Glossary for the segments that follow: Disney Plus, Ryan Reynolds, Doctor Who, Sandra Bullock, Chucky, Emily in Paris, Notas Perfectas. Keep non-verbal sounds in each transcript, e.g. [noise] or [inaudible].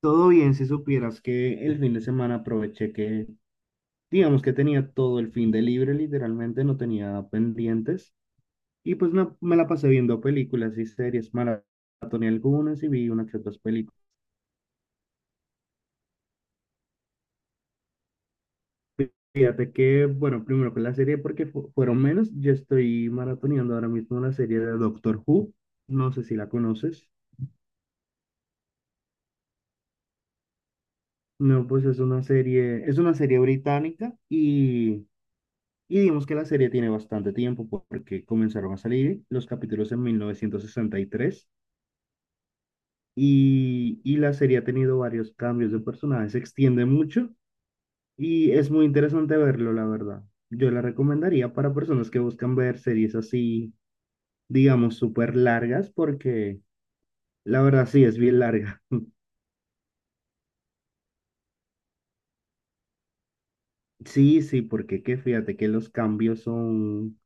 Todo bien, si supieras que el fin de semana aproveché que, digamos que tenía todo el fin de libre, literalmente no tenía pendientes, y pues me la pasé viendo películas y series, maratoné algunas y vi unas que otras películas. Fíjate que, bueno, primero con la serie porque fueron menos, yo estoy maratoneando ahora mismo la serie de Doctor Who, no sé si la conoces. No, pues es una serie británica. Y digamos que la serie tiene bastante tiempo porque comenzaron a salir los capítulos en 1963. Y, tres y y la serie ha tenido varios cambios de personajes, se extiende mucho y es muy interesante verlo, la verdad. Yo la recomendaría para personas que buscan ver series así, digamos, súper largas porque la verdad sí es bien larga. [laughs] Sí, sí, porque que fíjate que los cambios son,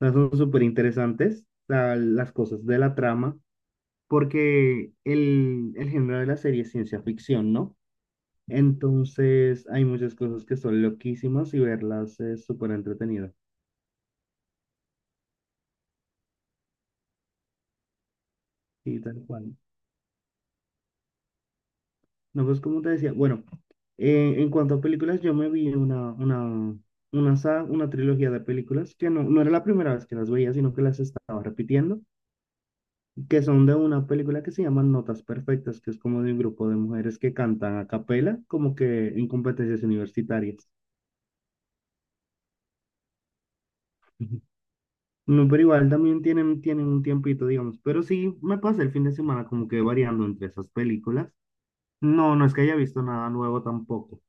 o sea, son súper interesantes, o sea, las cosas de la trama porque el género de la serie es ciencia ficción, ¿no? Entonces hay muchas cosas que son loquísimas y verlas es súper entretenido. Y tal cual. No, pues como te decía, bueno, en cuanto a películas, yo me vi una trilogía de películas que no, no era la primera vez que las veía, sino que las estaba repitiendo, que son de una película que se llama Notas Perfectas, que es como de un grupo de mujeres que cantan a capela, como que en competencias universitarias. [laughs] No, pero igual también tienen un tiempito, digamos. Pero sí, me pasé el fin de semana como que variando entre esas películas. No, no es que haya visto nada nuevo tampoco.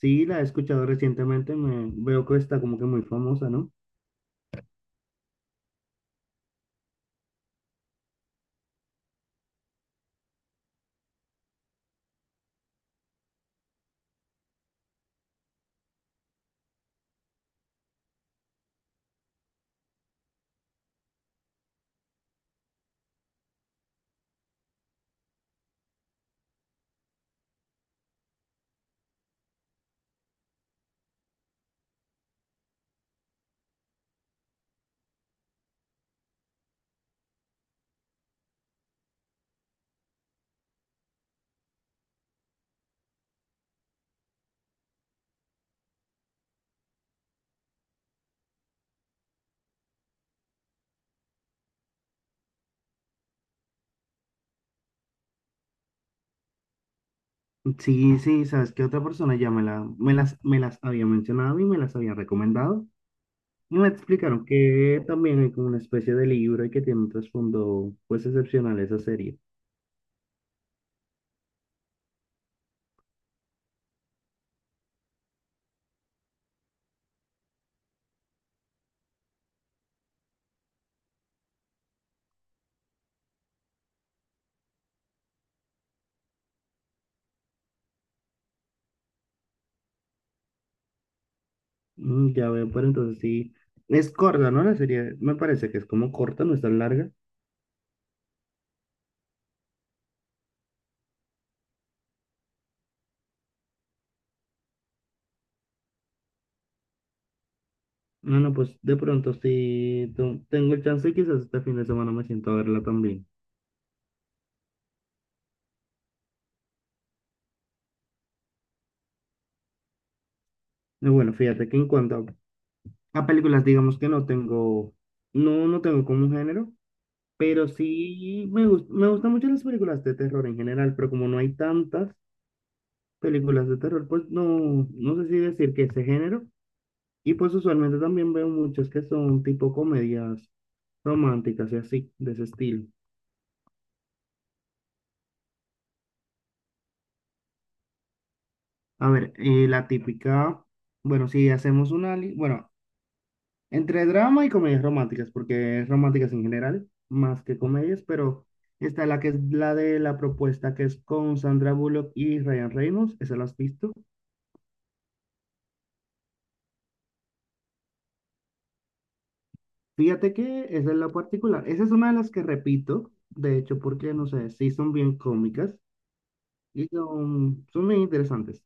Sí, la he escuchado recientemente, me veo que está como que muy famosa, ¿no? Sí, sí, sabes que otra persona ya me las había mencionado y me las había recomendado. Y me explicaron que también hay como una especie de libro y que tiene un trasfondo pues excepcional esa serie. Mm, ya veo, pero entonces sí, es corta, ¿no? La serie me parece que es como corta, no es tan larga. No, no, pues de pronto si tengo el chance, quizás este fin de semana me siento a verla también. Y bueno, fíjate que en cuanto a películas, digamos que no tengo como un género, pero sí me gustan mucho las películas de terror en general, pero como no hay tantas películas de terror, pues no sé si decir que ese género. Y pues usualmente también veo muchas que son tipo comedias románticas y así, de ese estilo. A ver, la típica, bueno, si hacemos una, bueno. Entre drama y comedias románticas, porque es románticas en general, más que comedias, pero está la que es la de la propuesta, que es con Sandra Bullock y Ryan Reynolds, esa la has visto. Fíjate que esa es la particular, esa es una de las que repito, de hecho, porque no sé, sí son bien cómicas y son bien interesantes.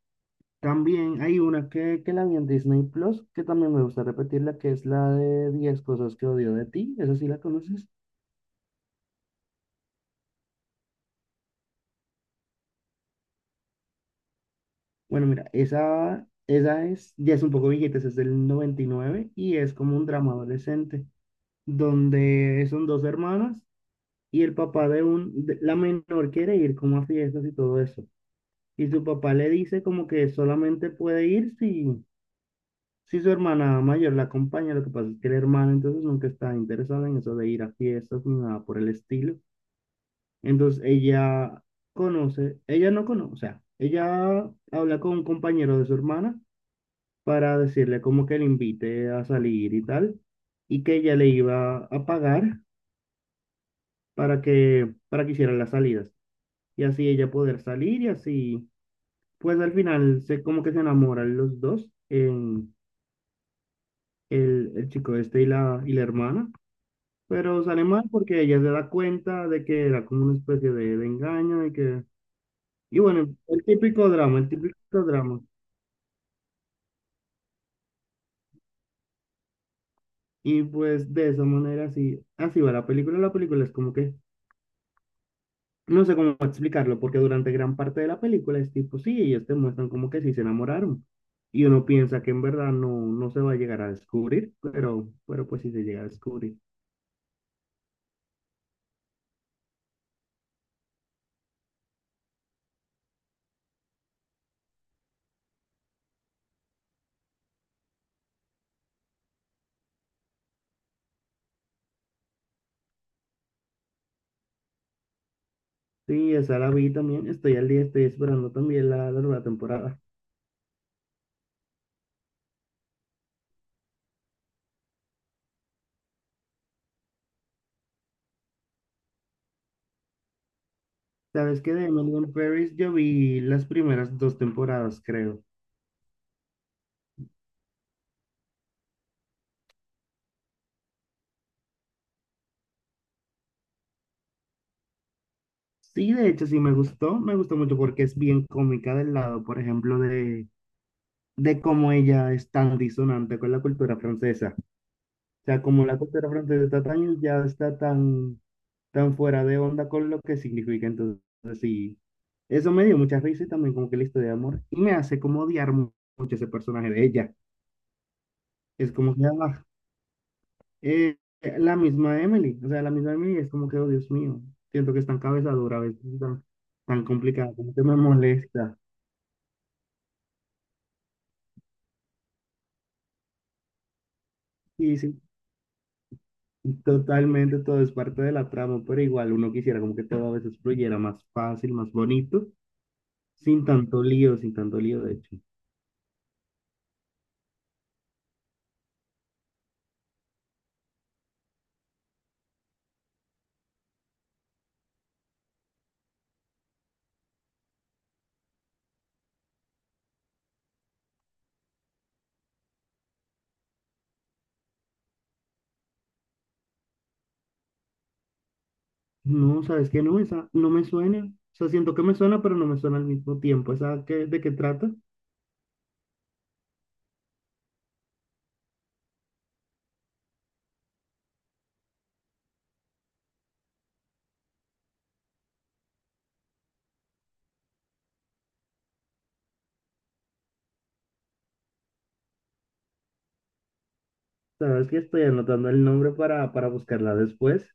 También hay una que la vi en Disney Plus, que también me gusta repetirla, que es la de 10 cosas que odio de ti, esa sí la conoces. Bueno, mira, ya es un poco viejita, esa es del 99 y es como un drama adolescente, donde son dos hermanas y el papá de la menor quiere ir como a fiestas y todo eso. Y su papá le dice como que solamente puede ir si su hermana mayor la acompaña. Lo que pasa es que la hermana entonces nunca está interesada en eso de ir a fiestas ni nada por el estilo. Entonces ella conoce, ella no conoce, o sea, ella habla con un compañero de su hermana para decirle como que le invite a salir y tal, y que ella le iba a pagar para que hicieran las salidas, y así ella poder salir y así, pues al final se como que se enamoran los dos, en el chico este y la hermana, pero sale mal porque ella se da cuenta de que era como una especie de engaño y y bueno, el típico drama, el típico drama. Y pues de esa manera así, así va la película. La película es como que. No sé cómo explicarlo, porque durante gran parte de la película es tipo, sí, ellos te muestran como que sí se enamoraron. Y uno piensa que en verdad no se va a llegar a descubrir, pero pues sí se llega a descubrir. Sí, esa la vi también, estoy al día, estoy esperando también la nueva temporada. ¿Sabes qué? De Emily in Paris yo vi las primeras dos temporadas, creo. Sí, de hecho sí me gustó mucho porque es bien cómica del lado, por ejemplo, de cómo ella es tan disonante con la cultura francesa. O sea, como la costa de la frontera de Tataño ya está tan, tan fuera de onda con lo que significa. Entonces, sí, eso me dio mucha risa y también como que la historia de amor. Y me hace como odiar mucho ese personaje de ella. Es como que ah, eh, la misma Emily. O sea, la misma Emily es como que, oh Dios mío, siento que es tan cabezadura a veces, tan, tan complicada, como que me molesta. Y sí, totalmente todo es parte de la trama, pero igual uno quisiera como que todo a veces fluyera más fácil, más bonito. Sin tanto lío, sin tanto lío, de hecho. No, ¿sabes qué? No, esa no me suena. O sea, siento que me suena, pero no me suena al mismo tiempo. ¿Esa qué, de qué trata? ¿Sabes que estoy anotando el nombre para, buscarla después?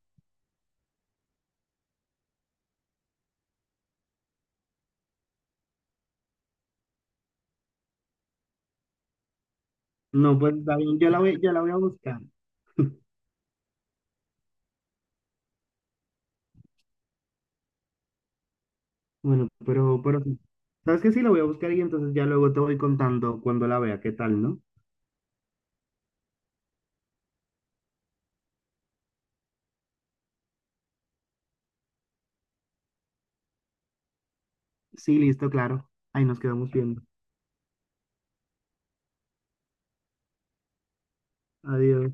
No, pues está bien, yo la voy a buscar. Bueno, pero sí. ¿Sabes qué? Sí, la voy a buscar y entonces ya luego te voy contando cuando la vea, qué tal, ¿no? Sí, listo, claro. Ahí nos quedamos viendo. Adiós.